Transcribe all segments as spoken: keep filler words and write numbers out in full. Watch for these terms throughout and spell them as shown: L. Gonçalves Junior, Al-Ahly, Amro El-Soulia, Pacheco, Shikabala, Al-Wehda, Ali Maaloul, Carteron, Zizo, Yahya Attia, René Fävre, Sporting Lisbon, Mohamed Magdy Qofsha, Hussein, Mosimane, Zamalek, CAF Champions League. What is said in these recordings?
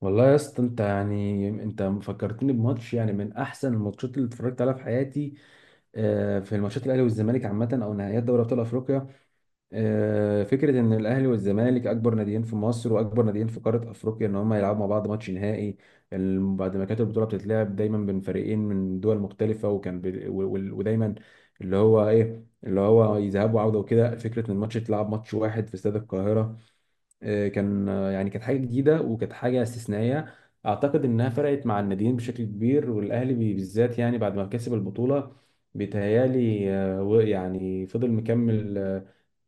والله يا اسطى، انت يعني انت فكرتني بماتش، يعني من احسن الماتشات اللي اتفرجت عليها في حياتي. آه، في الماتشات الاهلي والزمالك عامه، او نهائيات دوري ابطال افريقيا. آه، فكره ان الاهلي والزمالك اكبر ناديين في مصر واكبر ناديين في قاره افريقيا، ان هم يلعبوا مع بعض ماتش نهائي، ال- بعد ما كانت البطوله بتتلعب دايما بين فريقين من دول مختلفه. وكان بي- و- و- ودايما اللي هو ايه، اللي هو يذهب وعوده وكده. فكره ان الماتش يتلعب ماتش واحد في استاد القاهره، آه، كان آه، يعني كانت حاجه جديده وكانت حاجه استثنائيه. اعتقد انها فرقت مع الناديين بشكل كبير، والاهلي بي- بالذات، يعني بعد ما كسب البطوله. بيتهيالي آه، و- يعني فضل مكمل آه،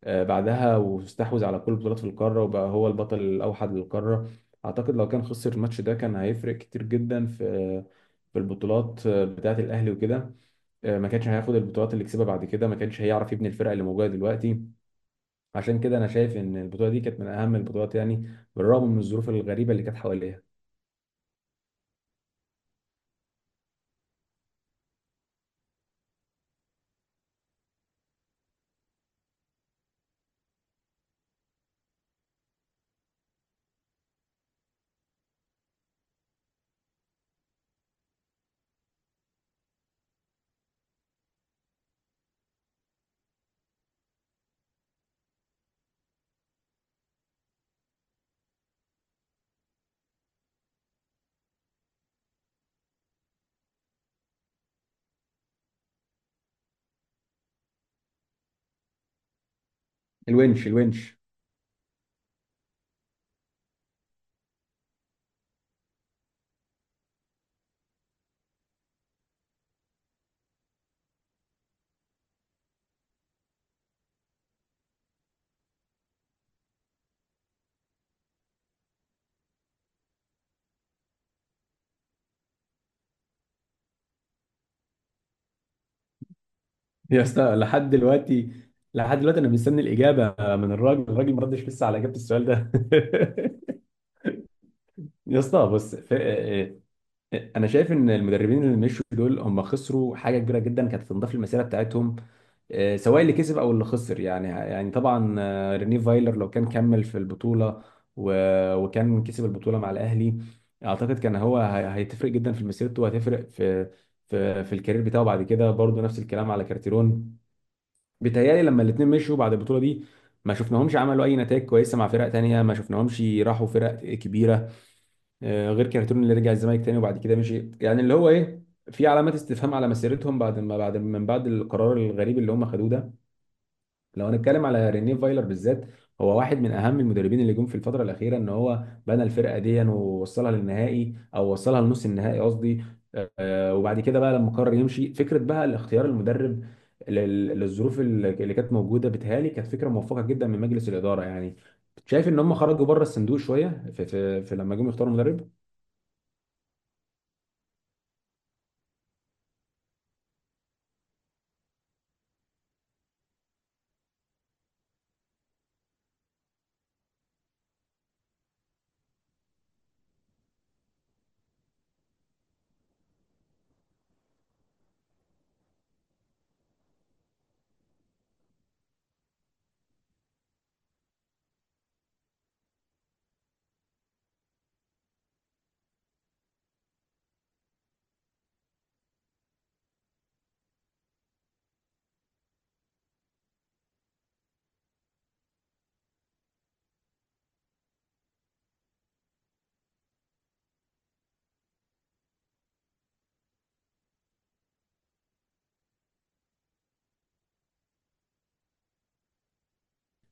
آه، بعدها، واستحوذ على كل البطولات في القاره، وبقى هو البطل الاوحد للقاره. اعتقد لو كان خسر الماتش ده كان هيفرق كتير جدا في في البطولات آه، بتاعه الاهلي وكده. آه، ما كانش هياخد البطولات اللي كسبها بعد كده، ما كانش هيعرف يبني الفرقه اللي موجوده دلوقتي. عشان كده انا شايف ان البطوله دي كانت من اهم البطولات، يعني بالرغم من الظروف الغريبه اللي كانت حواليها. الونش الونش. يا اسطى، لحد دلوقتي، لحد دلوقتي انا مستني الاجابه من الراجل الراجل، ما ردش لسه على اجابه السؤال ده. يا اسطى، بص ف- آه، آه، انا شايف ان المدربين اللي مشوا دول هم خسروا حاجه كبيره جدا كانت تنضاف للمسيره بتاعتهم، آه، سواء اللي كسب او اللي خسر. يعني يعني طبعا آه، رينيه فايلر لو كان كمل في البطوله و- وكان كسب البطوله مع الاهلي، اعتقد كان هو هي- هيتفرق جدا في مسيرته، وهتفرق في في في الكارير بتاعه بعد كده. برضه نفس الكلام على كارتيرون، بيتهيألي لما الاثنين مشوا بعد البطوله دي ما شفناهمش عملوا اي نتائج كويسه مع فرق تانية، ما شفناهمش راحوا فرق كبيره، آه، غير كارتون اللي رجع الزمالك تاني وبعد كده مشي. يعني اللي هو ايه، في علامات استفهام على مسيرتهم بعد ما بعد من بعد القرار الغريب اللي هم خدوه ده. لو هنتكلم على رينيه فايلر بالذات، هو واحد من اهم المدربين اللي جم في الفتره الاخيره، ان هو بنى الفرقه دي ووصلها للنهائي، او وصلها لنص النهائي قصدي. آه، وبعد كده بقى لما قرر يمشي، فكره بقى الاختيار المدرب لل- للظروف اللي اللي كانت موجوده، بتهيألي كانت فكره موفقه جدا من مجلس الاداره. يعني شايف ان هم خرجوا بره الصندوق شويه في, في, في لما جم يختاروا مدرب.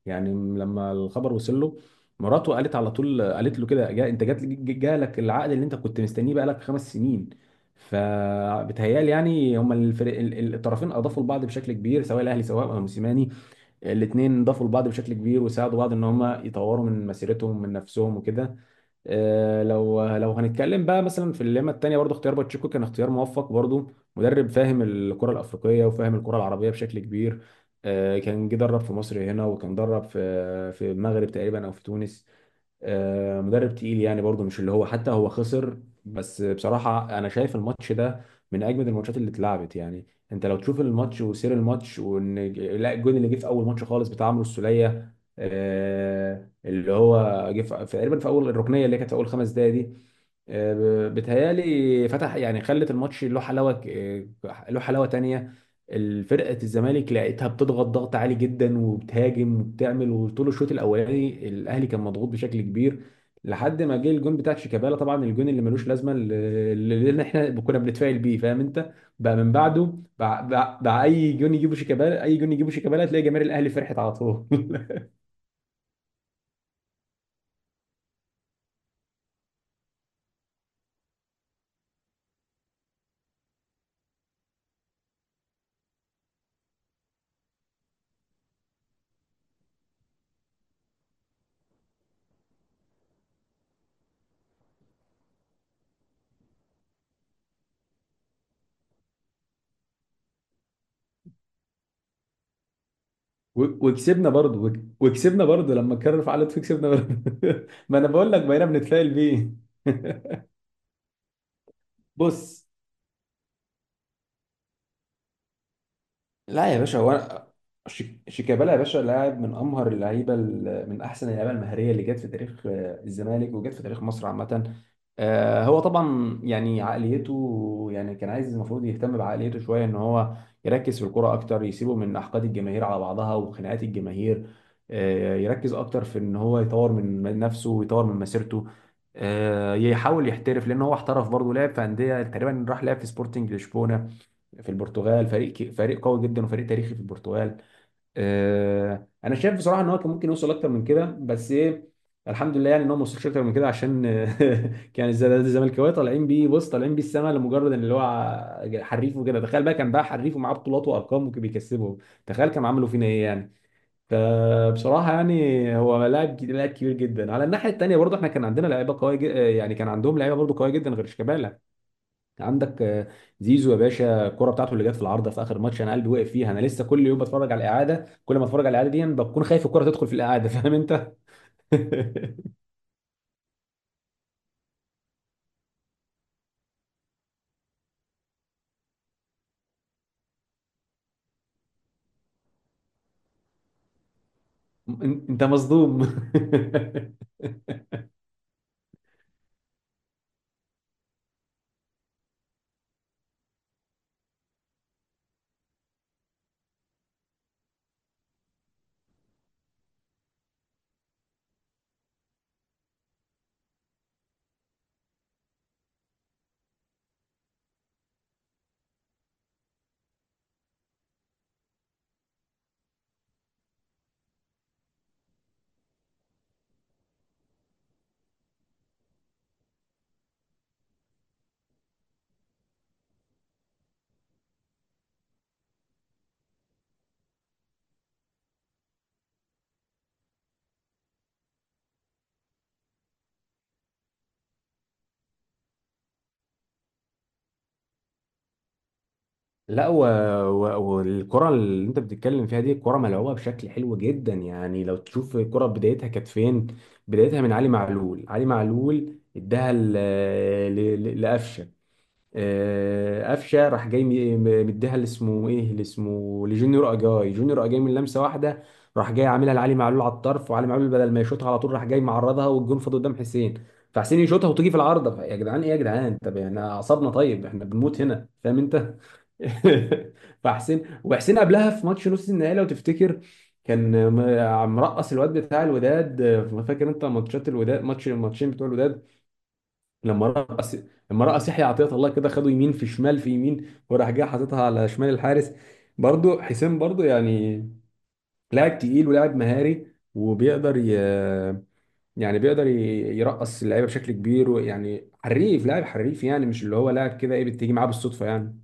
يعني لما الخبر وصل له، مراته قالت على طول، قالت له كده: جا، انت جات، جالك العقد اللي انت كنت مستنيه بقالك خمس سنين. فبتهيالي يعني هما الفريق ال- ال- الطرفين اضافوا لبعض بشكل كبير، سواء الاهلي سواء موسيماني. الاتنين ضافوا لبعض بشكل كبير وساعدوا بعض ان هم يطوروا من مسيرتهم من نفسهم وكده. آه، لو لو هنتكلم بقى مثلا في الليمة التانية، برضو اختيار باتشيكو كان اختيار موفق برضو، مدرب فاهم الكرة الأفريقية وفاهم الكرة العربية بشكل كبير. آه، كان جه درب في مصر هنا، وكان درب في في المغرب تقريبا أو في تونس. آه، مدرب تقيل، يعني برضه مش اللي هو، حتى هو خسر. بس بصراحة أنا شايف الماتش ده من أجمد الماتشات اللي اتلعبت، يعني أنت لو تشوف الماتش وسير الماتش، وإن لا الجون اللي جه في أول ماتش خالص بتاع عمرو السولية، آه، اللي هو جه في في- تقريبا في أول الركنية اللي كانت في أول خمس دقايق دي. آه، ب- بتهيالي فتح، يعني خلت الماتش له حلاوة، آه، له حلاوة تانية. الفرقة الزمالك لقيتها بتضغط ضغط عالي جدا وبتهاجم وبتعمل، وطول الشوط الاولاني الاهلي كان مضغوط بشكل كبير، لحد ما جه الجون بتاع شيكابالا. طبعا الجون اللي ملوش لازمه، اللي اللي احنا كنا بنتفائل بيه، فاهم انت، بقى من بعده بقى, بقى, بقى اي جون يجيبه شيكابالا، اي جون يجيبه شيكابالا، تلاقي جماهير الاهلي فرحت على طول. و- وكسبنا برضه وك- وكسبنا برضه لما كرر فعلت كسبنا برضه. ما انا بقول لك بقينا بنتفائل بيه. بص، لا يا باشا، هو أنا- شيك- شيكابالا يا باشا لاعب من امهر اللعيبه، ال- من احسن اللعيبه المهريه اللي جت في تاريخ آه، الزمالك وجت في تاريخ مصر عامه. آه، هو طبعا يعني عقليته، يعني كان عايز المفروض يهتم بعقليته شويه، ان هو يركز في الكرة اكتر، يسيبه من احقاد الجماهير على بعضها وخناقات الجماهير. آه، يركز اكتر في ان هو يطور من نفسه ويطور من مسيرته، آه، يحاول يحترف، لان هو احترف برضه، لعب في انديه تقريبا، راح لعب في سبورتنج لشبونه في البرتغال، فريق كي- فريق قوي جدا وفريق تاريخي في البرتغال. آه، انا شايف بصراحه ان هو كان ممكن يوصل اكتر من كده، بس ايه، الحمد لله يعني ان هو ما وصلش اكتر من كده، عشان كان الز- الزملكاويه طالعين بيه، بص طالعين بيه السما لمجرد ان اللي هو حريف وكده. تخيل بقى كان بقى حريف ومعاه بطولات وارقام وكان بيكسبهم، تخيل كانوا عملوا فينا ايه يعني. فبصراحه يعني هو لاعب ج- لاعب كبير جدا. على الناحيه الثانيه برضه احنا كان عندنا لعيبه قويه ج- يعني كان عندهم لعيبه برضه قويه جدا غير شيكابالا. عندك آه، زيزو يا باشا، الكرة بتاعته اللي جت في العارضة في آخر ماتش، أنا قلبي وقف فيها. أنا لسه كل يوم بتفرج على الإعادة، كل ما أتفرج على الإعادة دي بكون خايف الكرة تدخل في الإعادة، فاهم أنت؟ أن- أنت مصدوم. لا و... و... والكرة اللي أنت بتتكلم فيها دي، الكرة ملعوبة بشكل حلو جدا. يعني لو تشوف الكرة، بدايتها كانت فين؟ بدايتها من علي معلول. علي معلول اداها ل... ل... ل- لقفشة. آه، قفشه راح جاي م- م- مديها اللي اسمه ايه، اللي اسمه لجونيور اجاي، جونيور اجاي من لمسه واحده راح جاي عاملها لعلي معلول على الطرف، وعلي معلول بدل ما يشوطها على طول راح جاي معرضها والجون فاضي قدام حسين، فحسين يشوطها وتيجي في العارضه. يا جدعان ايه يا جدعان، طب يعني احنا اعصابنا طيب، احنا بنموت هنا، فاهم انت. فحسين، وحسين قبلها في ماتش نص النهائي لو تفتكر كان م- مرقص الواد بتاع الوداد. آه، فاكر انت ماتشات الوداد، ماتش الماتشين بتوع الوداد، لما رقص، لما رقص يحيى عطية الله كده، خده يمين في شمال في يمين، وراح جاي حاططها على شمال الحارس. برضو حسين برضو يعني لاعب تقيل ولاعب مهاري، وبيقدر ي... يعني بيقدر ي- يرقص اللعيبه بشكل كبير، ويعني حريف، لاعب حريف، يعني مش اللي هو لاعب كده ايه بتيجي معاه بالصدفه يعني.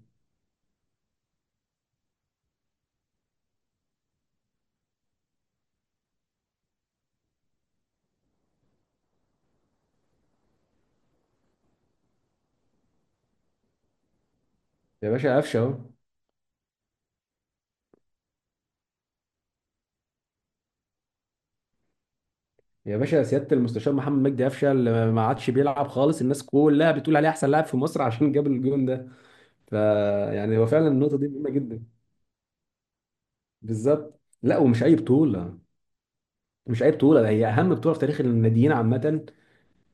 يا باشا قفشه اهو، يا باشا سياده المستشار محمد مجدي قفشه اللي ما عادش بيلعب خالص، الناس كلها بتقول عليه احسن لاعب في مصر عشان جاب الجون ده. فيعني هو فعلا النقطه دي مهمه جدا. بالظبط، لا ومش اي بطوله، مش اي بطوله، هي اهم بطوله في تاريخ الناديين عامه.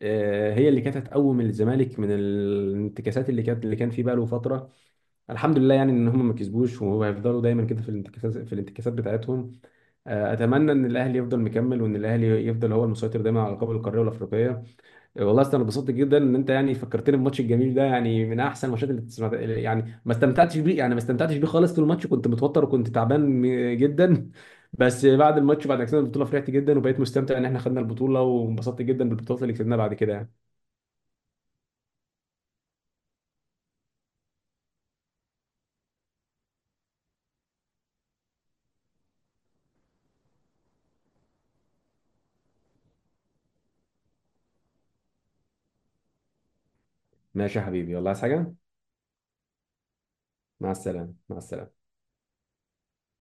آه، هي اللي كانت هتقوم الزمالك من الانتكاسات اللي كانت اللي كان فيه بقى له فتره. الحمد لله يعني ان هم ما كسبوش، وهيفضلوا دايما كده في الانتكاسات، في الانتكاسات بتاعتهم. آه، اتمنى ان الاهلي يفضل مكمل، وان الاهلي يفضل هو المسيطر دايما على القاب القاريه والافريقيه. والله أصل انا اتبسطت جدا ان انت يعني فكرتني بالماتش الجميل ده، يعني من احسن الماتشات اللي تسمع. يعني ما استمتعتش بيه، يعني ما استمتعتش بيه خالص، طول الماتش كنت متوتر وكنت تعبان م- جدا. بس بعد الماتش، بعد ما كسبنا البطوله، فرحت جدا وبقيت مستمتع ان احنا خدنا البطوله، وانبسطت جدا بالبطولات اللي كسبناها بعد كده يعني. ماشي يا حبيبي، والله عايز حاجه؟ مع السلامه، مع السلامه.